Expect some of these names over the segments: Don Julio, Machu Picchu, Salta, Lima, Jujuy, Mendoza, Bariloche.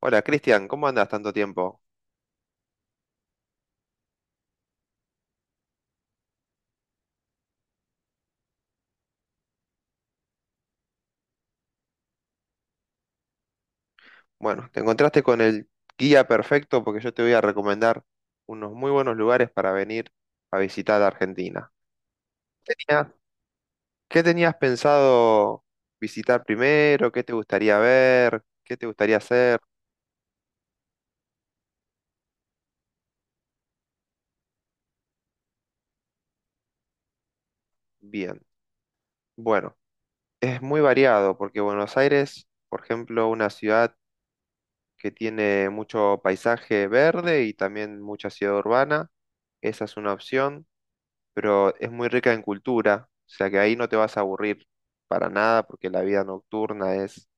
Hola Cristian, ¿cómo andas tanto tiempo? Bueno, te encontraste con el guía perfecto porque yo te voy a recomendar unos muy buenos lugares para venir a visitar Argentina. Tenía- ¿Qué tenías pensado visitar primero? ¿Qué te gustaría ver? ¿Qué te gustaría hacer? Bien, bueno, es muy variado porque Buenos Aires, por ejemplo, una ciudad que tiene mucho paisaje verde y también mucha ciudad urbana, esa es una opción. Pero es muy rica en cultura, o sea que ahí no te vas a aburrir para nada porque la vida nocturna es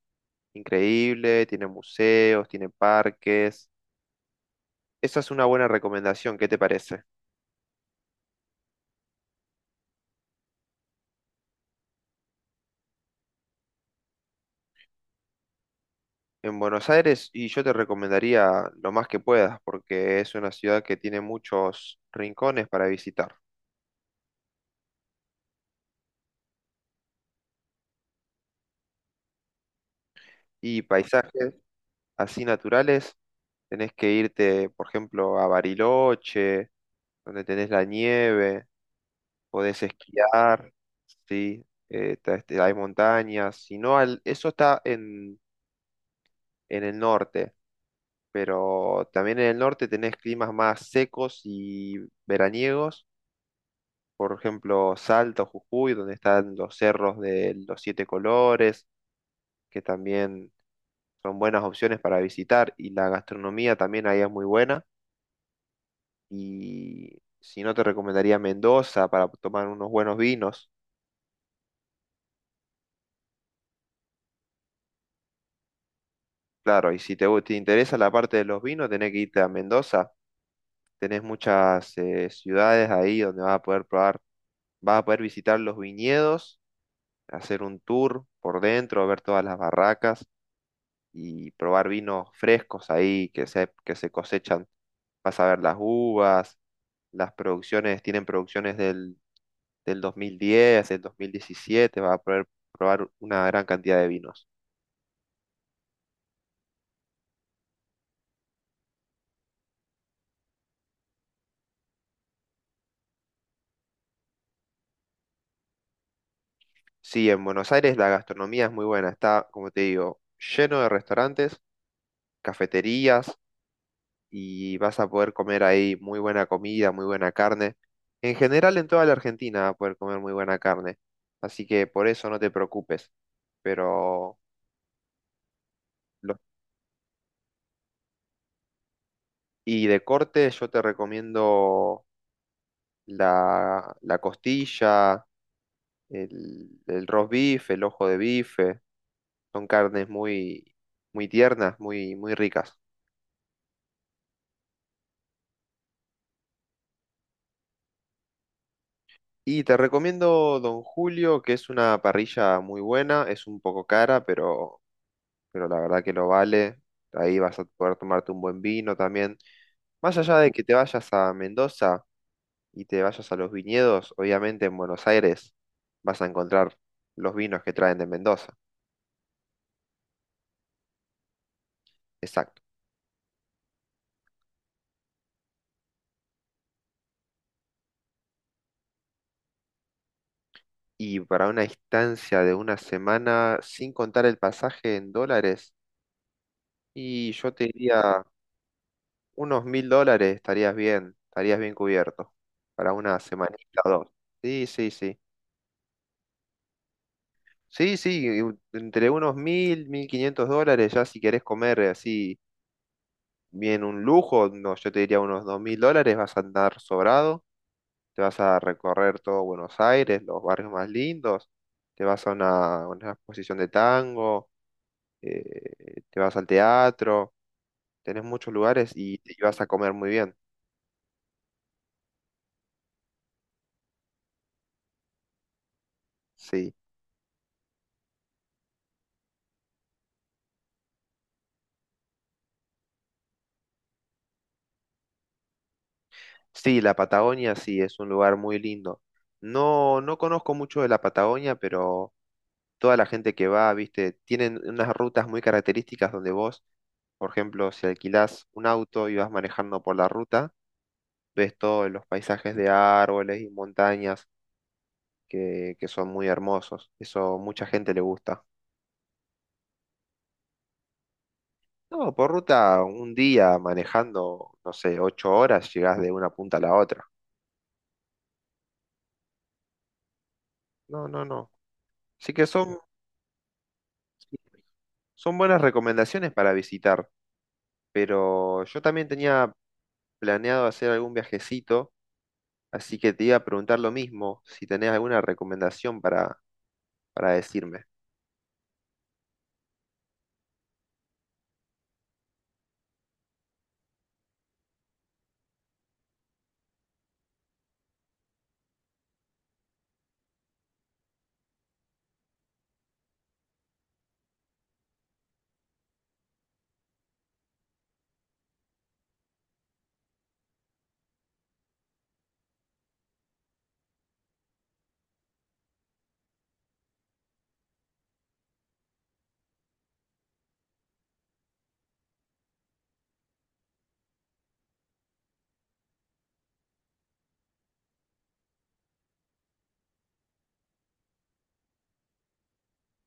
increíble, tiene museos, tiene parques. Esa es una buena recomendación, ¿qué te parece? En Buenos Aires, y yo te recomendaría lo más que puedas, porque es una ciudad que tiene muchos rincones para visitar y paisajes así naturales. Tenés que irte, por ejemplo, a Bariloche, donde tenés la nieve. Podés esquiar, sí, hay montañas, si no, al- eso está en el norte, pero también en el norte tenés climas más secos y veraniegos, por ejemplo, Salta o Jujuy, donde están los cerros de los siete colores, que también son buenas opciones para visitar, y la gastronomía también ahí es muy buena, y si no, te recomendaría Mendoza para tomar unos buenos vinos. Claro, y si te interesa la parte de los vinos, tenés que irte a Mendoza. Tenés muchas ciudades ahí donde vas a poder probar, vas a poder visitar los viñedos, hacer un tour por dentro, ver todas las barracas y probar vinos frescos ahí que se cosechan. Vas a ver las uvas, las producciones, tienen producciones del 2010, del 2017. Vas a poder probar una gran cantidad de vinos. Sí, en Buenos Aires la gastronomía es muy buena. Está, como te digo, lleno de restaurantes, cafeterías y vas a poder comer ahí muy buena comida, muy buena carne. En general, en toda la Argentina vas a poder comer muy buena carne. Así que por eso no te preocupes. Pero, lo- y de corte yo te recomiendo la costilla, el roast beef, el ojo de bife. Son carnes muy, muy tiernas, muy, muy ricas. Y te recomiendo Don Julio, que es una parrilla muy buena, es un poco cara, pero la verdad que lo vale. Ahí vas a poder tomarte un buen vino también. Más allá de que te vayas a Mendoza y te vayas a los viñedos, obviamente en Buenos Aires vas a encontrar los vinos que traen de Mendoza. Exacto. Y para una distancia de una semana, sin contar el pasaje en dólares, y yo te diría unos 1000 dólares, estarías bien cubierto para una semanita o dos. Sí, sí, sí. Sí, sí, entre unos 1000, 1500 dólares, ya si querés comer así bien un lujo, no, yo te diría unos 2000 dólares, vas a andar sobrado, te vas a recorrer todo Buenos Aires, los barrios más lindos, te vas a una exposición de tango, te vas al teatro, tenés muchos lugares y vas a comer muy bien. Sí. Sí, la Patagonia sí es un lugar muy lindo. No, no conozco mucho de la Patagonia, pero toda la gente que va, viste, tienen unas rutas muy características donde vos, por ejemplo, si alquilás un auto y vas manejando por la ruta, ves todos los paisajes de árboles y montañas que son muy hermosos. Eso mucha gente le gusta. No, por ruta, un día manejando, no sé, 8 horas, llegás de una punta a la otra. No, no, no. Así que son, son buenas recomendaciones para visitar. Pero yo también tenía planeado hacer algún viajecito, así que te iba a preguntar lo mismo, si tenés alguna recomendación para decirme.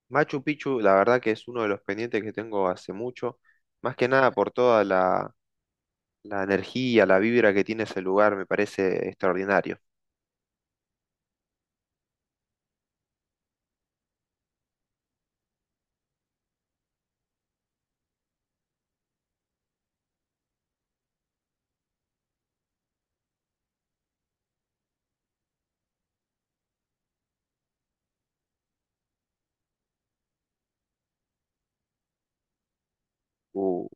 Machu Picchu, la verdad que es uno de los pendientes que tengo hace mucho, más que nada por toda la energía, la vibra que tiene ese lugar, me parece extraordinario. Uh,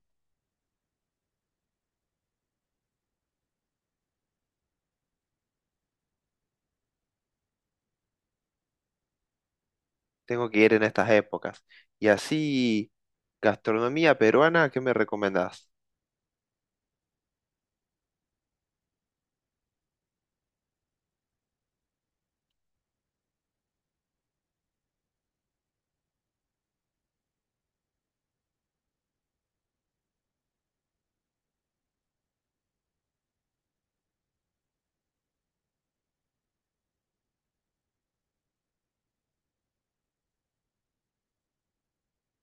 tengo que ir en estas épocas. Y así, gastronomía peruana, ¿qué me recomendás?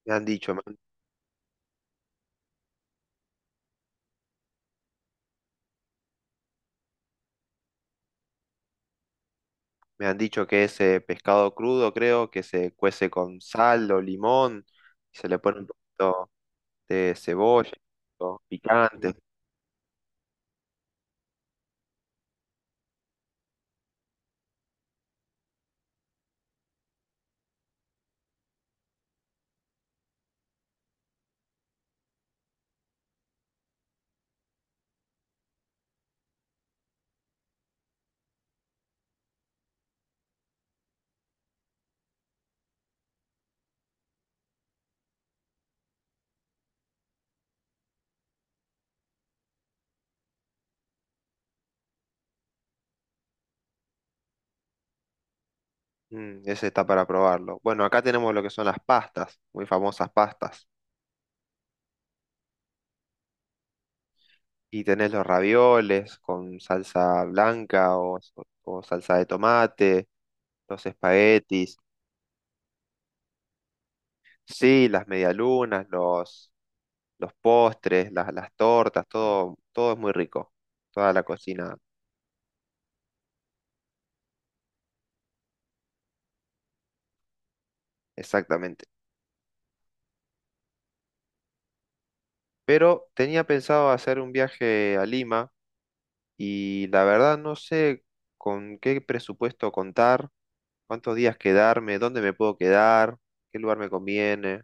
Me han dicho, me han dicho que es pescado crudo, creo, que se cuece con sal o limón, y se le pone un poquito de cebolla, o picante. Mm, ese está para probarlo. Bueno, acá tenemos lo que son las pastas, muy famosas pastas. Y tenés los ravioles con salsa blanca o salsa de tomate, los espaguetis, sí, las medialunas, los postres, las tortas, todo, todo es muy rico. Toda la cocina, exactamente. Pero tenía pensado hacer un viaje a Lima y la verdad no sé con qué presupuesto contar, cuántos días quedarme, dónde me puedo quedar, qué lugar me conviene,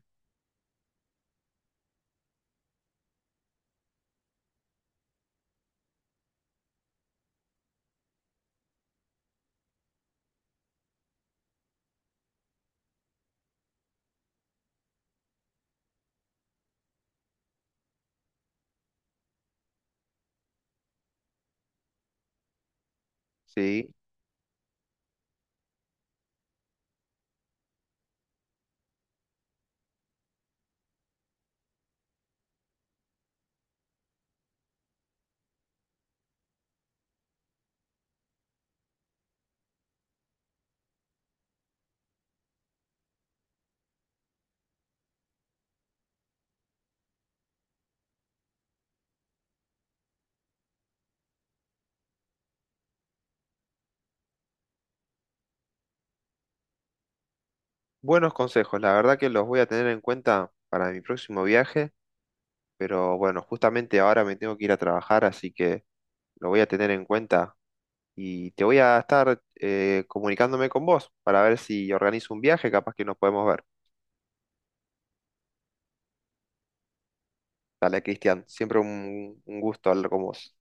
¿sí? Buenos consejos, la verdad que los voy a tener en cuenta para mi próximo viaje, pero bueno, justamente ahora me tengo que ir a trabajar, así que lo voy a tener en cuenta y te voy a estar comunicándome con vos para ver si organizo un viaje, capaz que nos podemos ver. Dale, Cristian, siempre un gusto hablar con vos.